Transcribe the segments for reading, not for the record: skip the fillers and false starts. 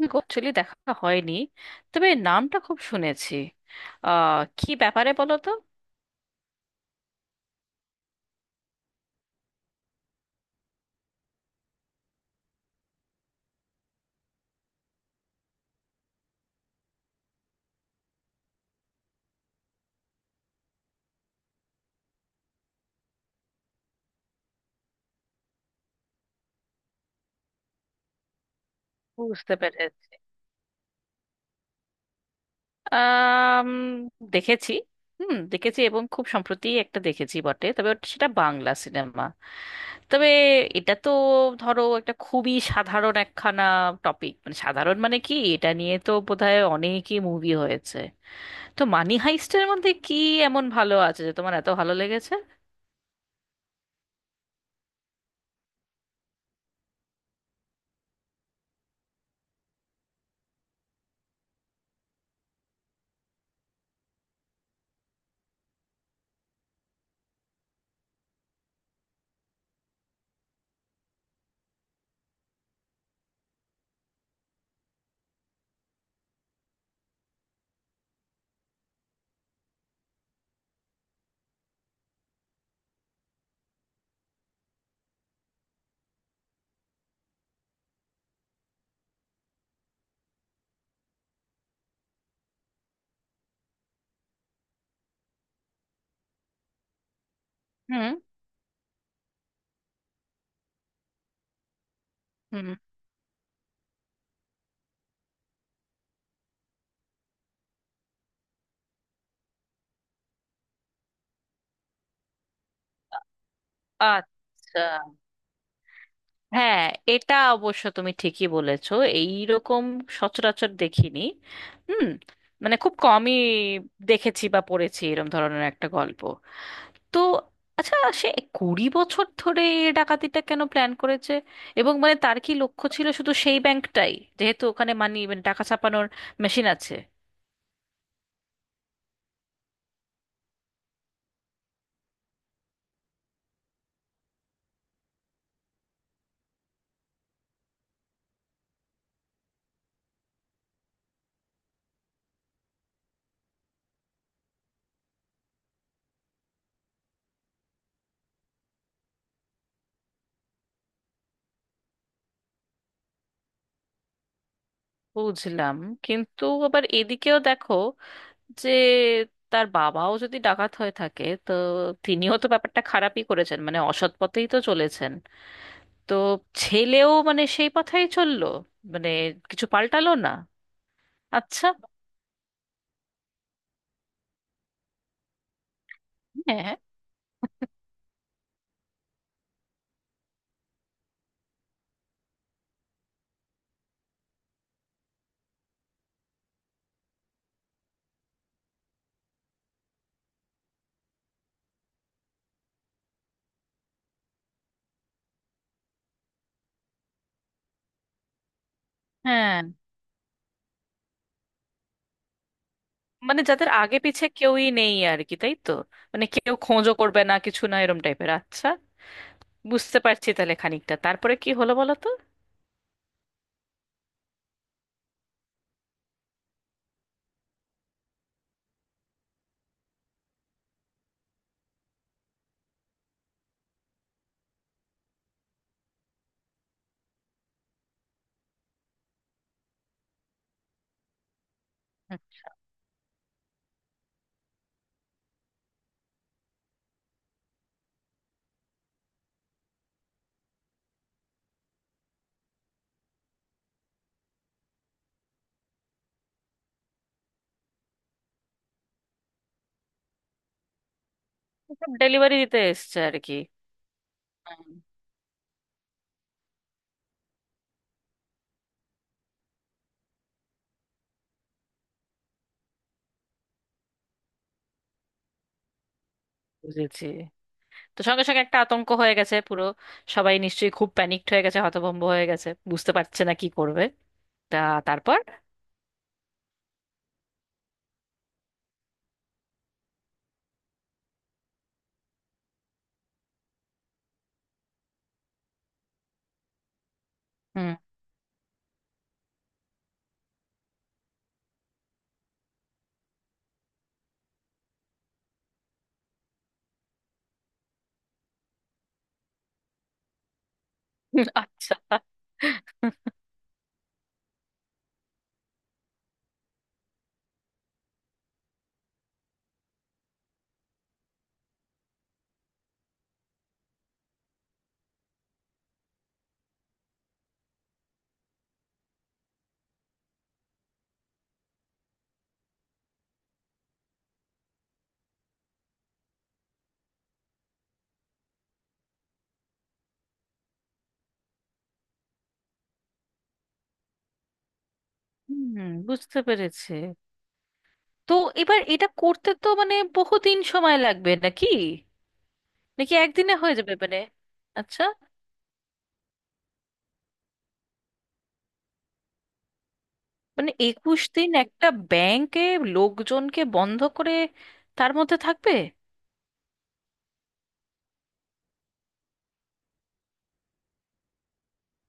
Actually দেখা হয়নি। তবে নামটা খুব শুনেছি। কি ব্যাপারে বলো তো। বুঝতে পেরেছি। আম, দেখেছি। হুম, দেখেছি এবং খুব সম্প্রতি একটা দেখেছি বটে, তবে সেটা বাংলা সিনেমা। তবে এটা তো ধরো একটা খুবই সাধারণ একখানা টপিক। মানে সাধারণ মানে কি, এটা নিয়ে তো বোধহয় অনেকই মুভি হয়েছে। তো মানি হাইস্টের মধ্যে কি এমন ভালো আছে যে তোমার এত ভালো লেগেছে? হুম, হুম। আচ্ছা, হ্যাঁ, এটা অবশ্য তুমি ঠিকই বলেছো। এইরকম সচরাচর দেখিনি। হুম। মানে খুব কমই দেখেছি বা পড়েছি এরম ধরনের একটা গল্প। তো আচ্ছা, সে 20 বছর ধরে এই ডাকাতিটা কেন প্ল্যান করেছে? এবং মানে তার কি লক্ষ্য ছিল শুধু সেই ব্যাংকটাই, যেহেতু ওখানে মানি মানে টাকা ছাপানোর মেশিন আছে? বুঝলাম, কিন্তু আবার এদিকেও দেখো যে তার বাবাও যদি ডাকাত হয়ে থাকে, তো তিনিও তো ব্যাপারটা খারাপই করেছেন, মানে অসৎ পথেই তো চলেছেন। তো ছেলেও মানে সেই পথেই চললো, মানে কিছু পাল্টালো না। আচ্ছা। হ্যাঁ, হ্যাঁ। মানে যাদের আগে পিছে কেউই নেই আর কি, তাই তো? মানে কেউ খোঁজও করবে না কিছু না এরম টাইপের। আচ্ছা, বুঝতে পারছি তাহলে খানিকটা। তারপরে কি হলো বলো তো? ডেলিভারি দিতে এসছে আর কি। হুম, বুঝেছি। তো সঙ্গে সঙ্গে একটা আতঙ্ক হয়ে গেছে পুরো। সবাই নিশ্চয়ই খুব প্যানিকড হয়ে গেছে, হতভম্ব হয়ে গেছে, বুঝতে পারছে না কি করবে। তা, তারপর? হুম। আচ্ছা। হুম, বুঝতে পেরেছে। তো এবার এটা করতে তো মানে বহুদিন সময় লাগবে নাকি? নাকি একদিনে হয়ে যাবে মানে? আচ্ছা। মানে 21 দিন একটা ব্যাংকে লোকজনকে বন্ধ করে তার মধ্যে থাকবে?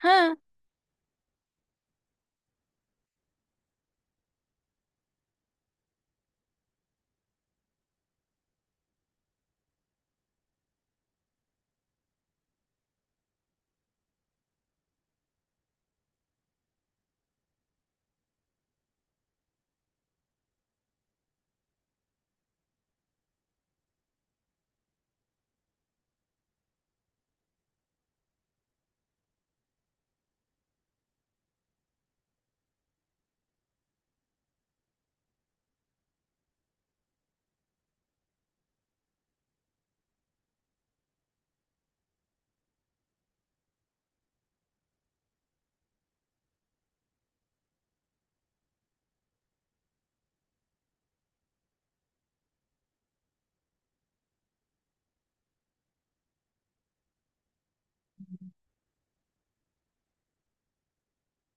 হ্যাঁ,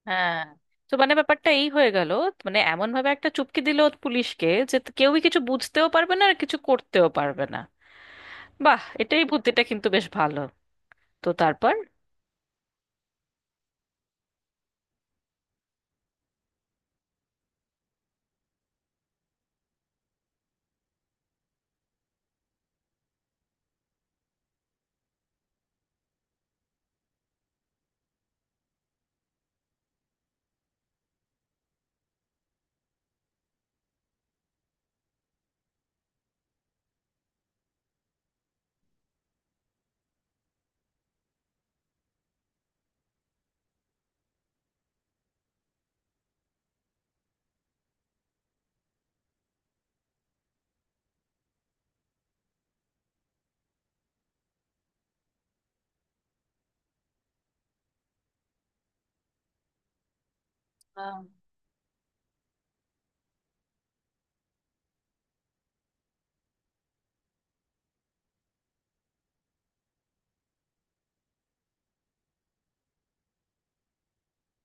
হ্যাঁ। তো মানে ব্যাপারটা এই হয়ে গেল। মানে এমন ভাবে একটা চুপকে দিল পুলিশকে যে তো কেউই কিছু বুঝতেও পারবে না আর কিছু করতেও পারবে না। বাহ, এটাই বুদ্ধিটা কিন্তু বেশ ভালো। তো তারপর? আহ,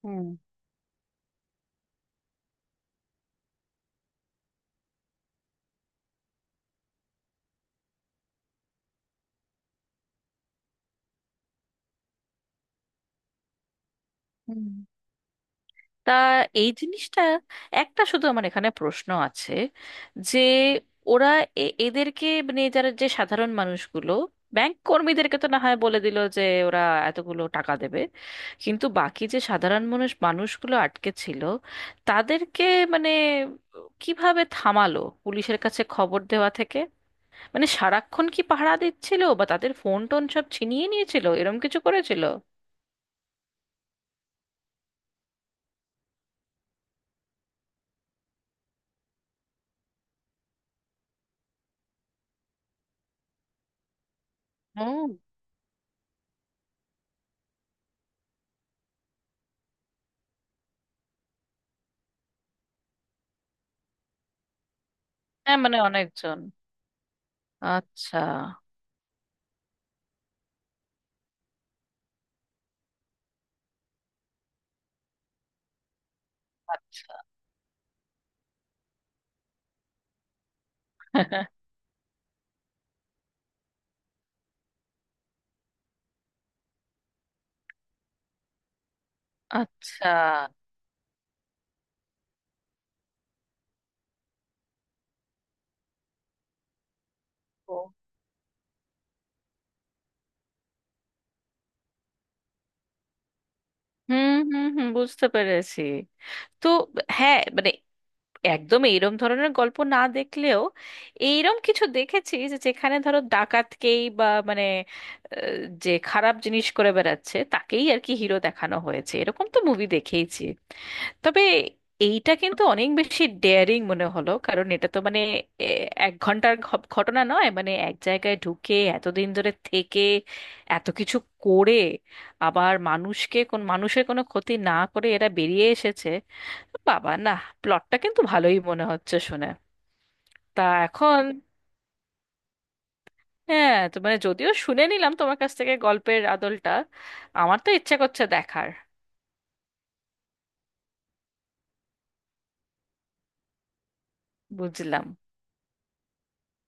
হ্যাঁ। হুম। তা, এই জিনিসটা, একটা শুধু আমার এখানে প্রশ্ন আছে যে ওরা এদেরকে মানে যারা, যে সাধারণ মানুষগুলো, ব্যাংক কর্মীদেরকে তো না হয় বলে দিল যে ওরা এতগুলো টাকা দেবে, কিন্তু বাকি যে সাধারণ মানুষ মানুষগুলো আটকে ছিল তাদেরকে মানে কিভাবে থামালো পুলিশের কাছে খবর দেওয়া থেকে? মানে সারাক্ষণ কি পাহারা দিচ্ছিল বা তাদের ফোন টোন সব ছিনিয়ে নিয়েছিল এরম কিছু করেছিল? হুম। হ্যাঁ মানে অনেকজন। আচ্ছা। আচ্ছা। আচ্ছা। ও। হুম, হুম, হুম, বুঝতে পেরেছি। তো হ্যাঁ, মানে একদম এইরম ধরনের গল্প না দেখলেও এইরম কিছু দেখেছি, যে যেখানে ধরো ডাকাতকেই বা মানে, আহ, যে খারাপ জিনিস করে বেড়াচ্ছে তাকেই আর কি হিরো দেখানো হয়েছে, এরকম তো মুভি দেখেইছি। তবে এইটা কিন্তু অনেক বেশি ডেয়ারিং মনে হলো, কারণ এটা তো মানে এ, এক ঘন্টার ঘটনা নয়, মানে এক জায়গায় ঢুকে এতদিন ধরে থেকে এত কিছু করে আবার মানুষকে কোন মানুষের কোনো ক্ষতি না করে এরা বেরিয়ে এসেছে। বাবা না, প্লটটা কিন্তু ভালোই মনে হচ্ছে শুনে। তা এখন হ্যাঁ, তো মানে যদিও শুনে নিলাম তোমার কাছ থেকে গল্পের আদলটা, আমার তো ইচ্ছা করছে দেখার। বুঝলাম।